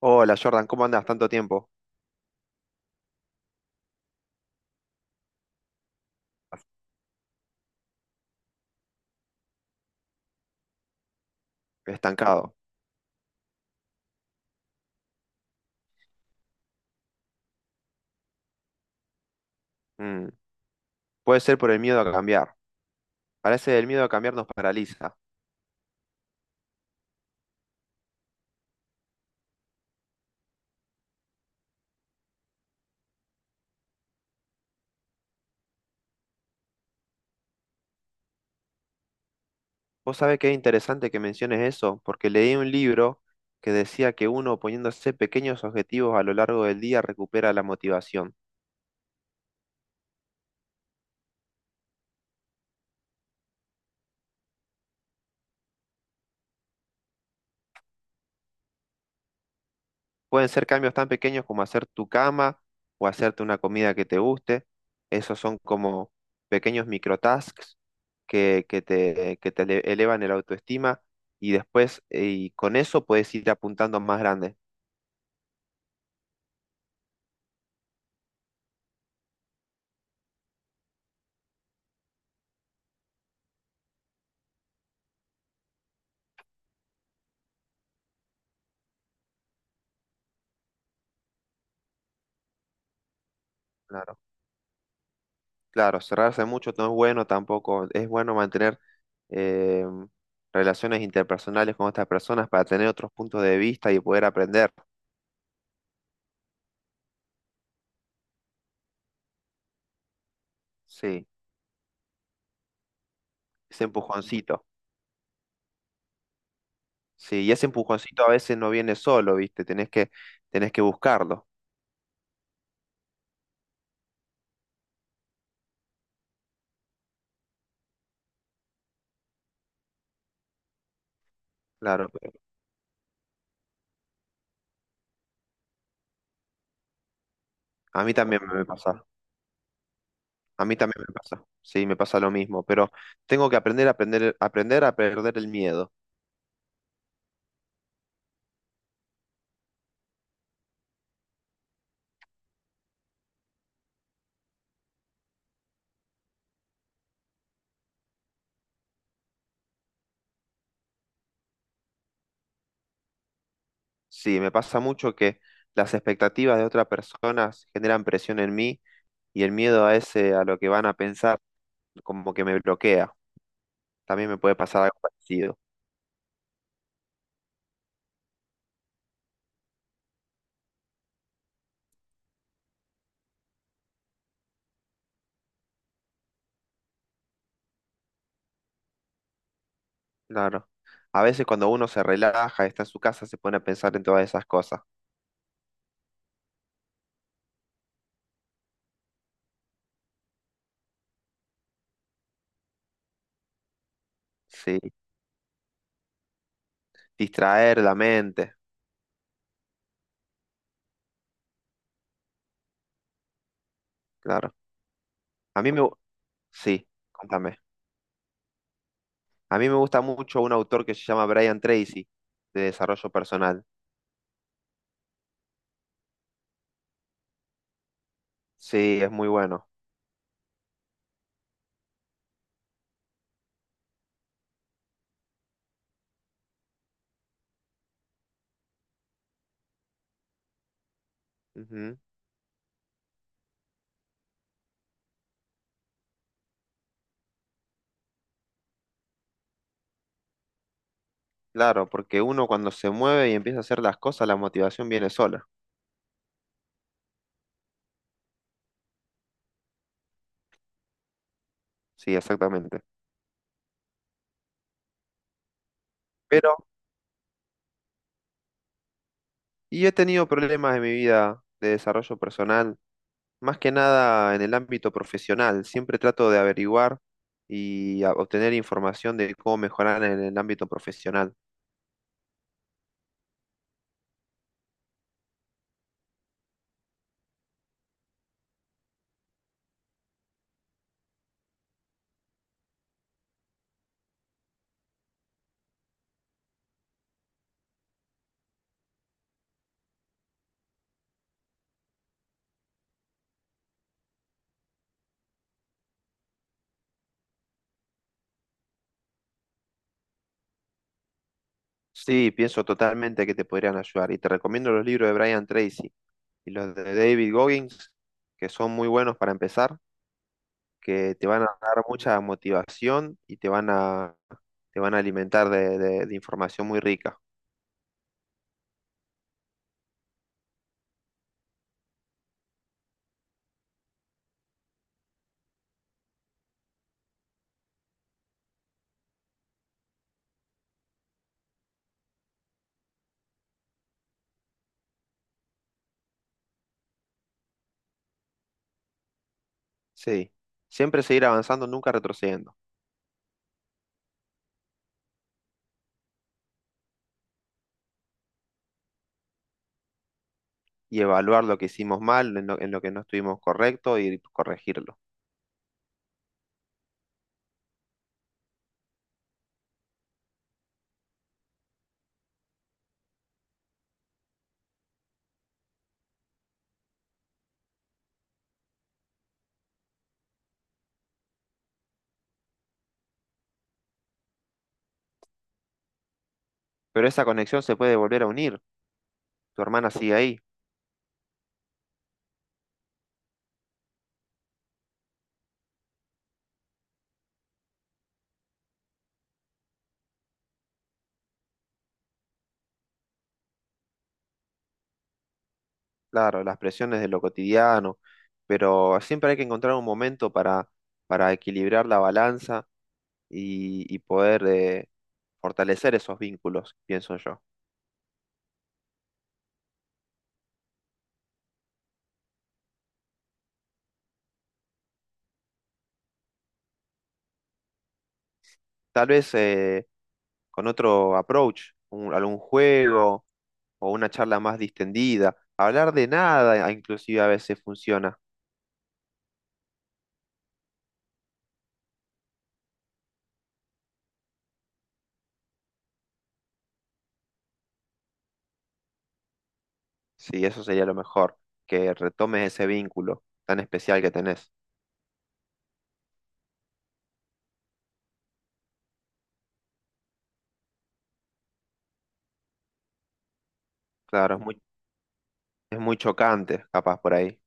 Hola Jordan, ¿cómo andas? Tanto tiempo. Estancado. Mm. Puede ser por el miedo a cambiar. Parece que el miedo a cambiar nos paraliza. Vos sabés qué interesante que menciones eso, porque leí un libro que decía que uno poniéndose pequeños objetivos a lo largo del día recupera la motivación. Pueden ser cambios tan pequeños como hacer tu cama o hacerte una comida que te guste. Esos son como pequeños microtasks que te elevan el autoestima y después y con eso puedes ir apuntando más grande. Claro, claro, cerrarse mucho no es bueno tampoco. Es bueno mantener eh, relaciones interpersonales con otras personas para tener otros puntos de vista y poder aprender. Sí, ese empujoncito. Sí, y ese empujoncito a veces no viene solo, ¿viste? Tenés que buscarlo. Claro, pero a mí también me pasa. A mí también me pasa. Sí, me pasa lo mismo, pero tengo que aprender a perder el miedo. Sí, me pasa mucho que las expectativas de otras personas generan presión en mí y el miedo a ese, a lo que van a pensar, como que me bloquea. También me puede pasar algo parecido. Claro. A veces cuando uno se relaja, está en su casa, se pone a pensar en todas esas cosas. Sí. Distraer la mente. Claro. A mí me... gu- Sí, contame. A mí me gusta mucho un autor que se llama Brian Tracy, de desarrollo personal. Sí, es muy bueno. Ujú. Claro, porque uno cuando se mueve y empieza a hacer las cosas, la motivación viene sola. Sí, exactamente. Pero y yo he tenido problemas en mi vida de desarrollo personal, más que nada en el ámbito profesional. Siempre trato de averiguar y obtener información de cómo mejorar en el ámbito profesional. Sí, pienso totalmente que te podrían ayudar y te recomiendo los libros de Brian Tracy y los de David Goggins, que son muy buenos para empezar, que te van a dar mucha motivación y te van a alimentar de información muy rica. Sí, siempre seguir avanzando, nunca retrocediendo. Y evaluar lo que hicimos mal, en lo que no estuvimos correcto y corregirlo. Pero esa conexión se puede volver a unir. Tu hermana sigue ahí, claro, las presiones de lo cotidiano, pero siempre hay que encontrar un para equilibrar la balanza y poder fortalecer esos vínculos, pienso yo. Tal vez con otro approach, algún juego o una charla más distendida. Hablar de nada, ah, inclusive a veces funciona. Sí, eso sería lo mejor, que retomes ese vínculo tan especial que tenés. Claro, es muy chocante, capaz por ahí.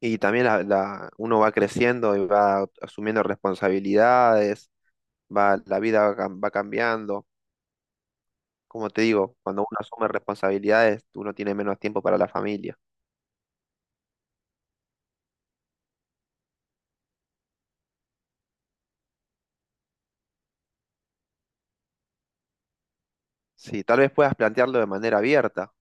Y también uno va creciendo y va asumiendo responsabilidades, la vida va cambiando. Como te digo, cuando uno asume responsabilidades, uno tiene menos tiempo para la familia. Sí, tal vez puedas plantearlo de manera abierta.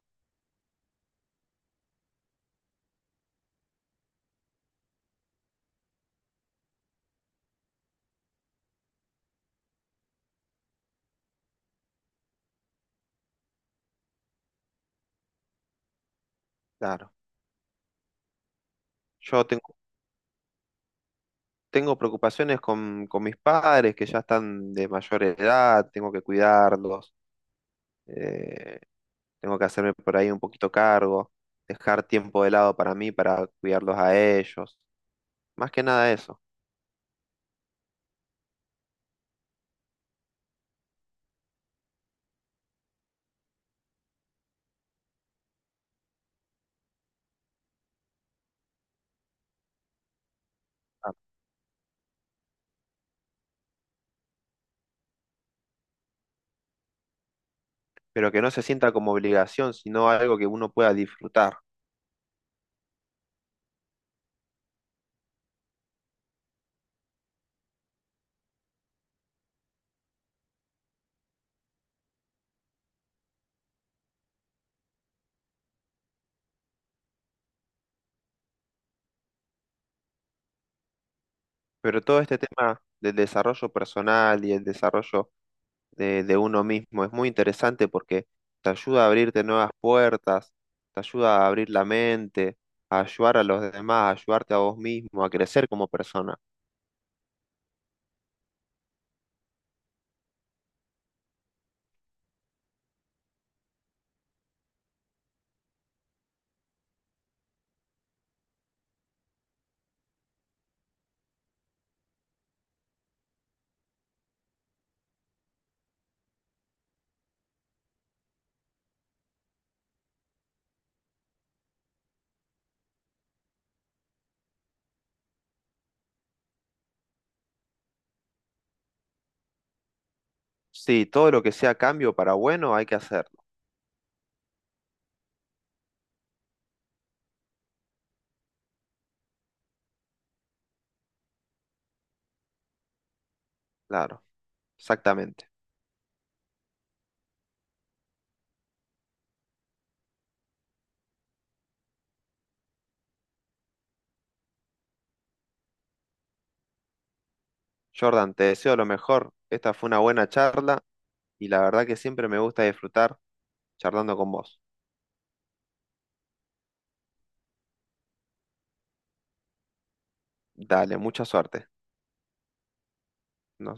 Claro, yo tengo, tengo preocupaciones con mis padres que ya están de mayor edad, tengo que cuidarlos eh, tengo que hacerme por ahí un poquito cargo, dejar tiempo de lado para mí, para cuidarlos a ellos, más que nada eso. Ah, pero que no se sienta como obligación, sino algo que uno pueda disfrutar. Pero todo este tema del desarrollo personal y el desarrollo de uno mismo es muy interesante porque te ayuda a abrirte nuevas puertas, te ayuda a abrir la mente, a ayudar a los demás, a ayudarte a vos mismo, a crecer como persona. Sí, todo lo que sea cambio para bueno hay que hacerlo, claro. Exactamente. Jordan, te deseo lo mejor. Esta fue una buena charla y la verdad que siempre me gusta disfrutar charlando con vos. Dale, mucha suerte. Nos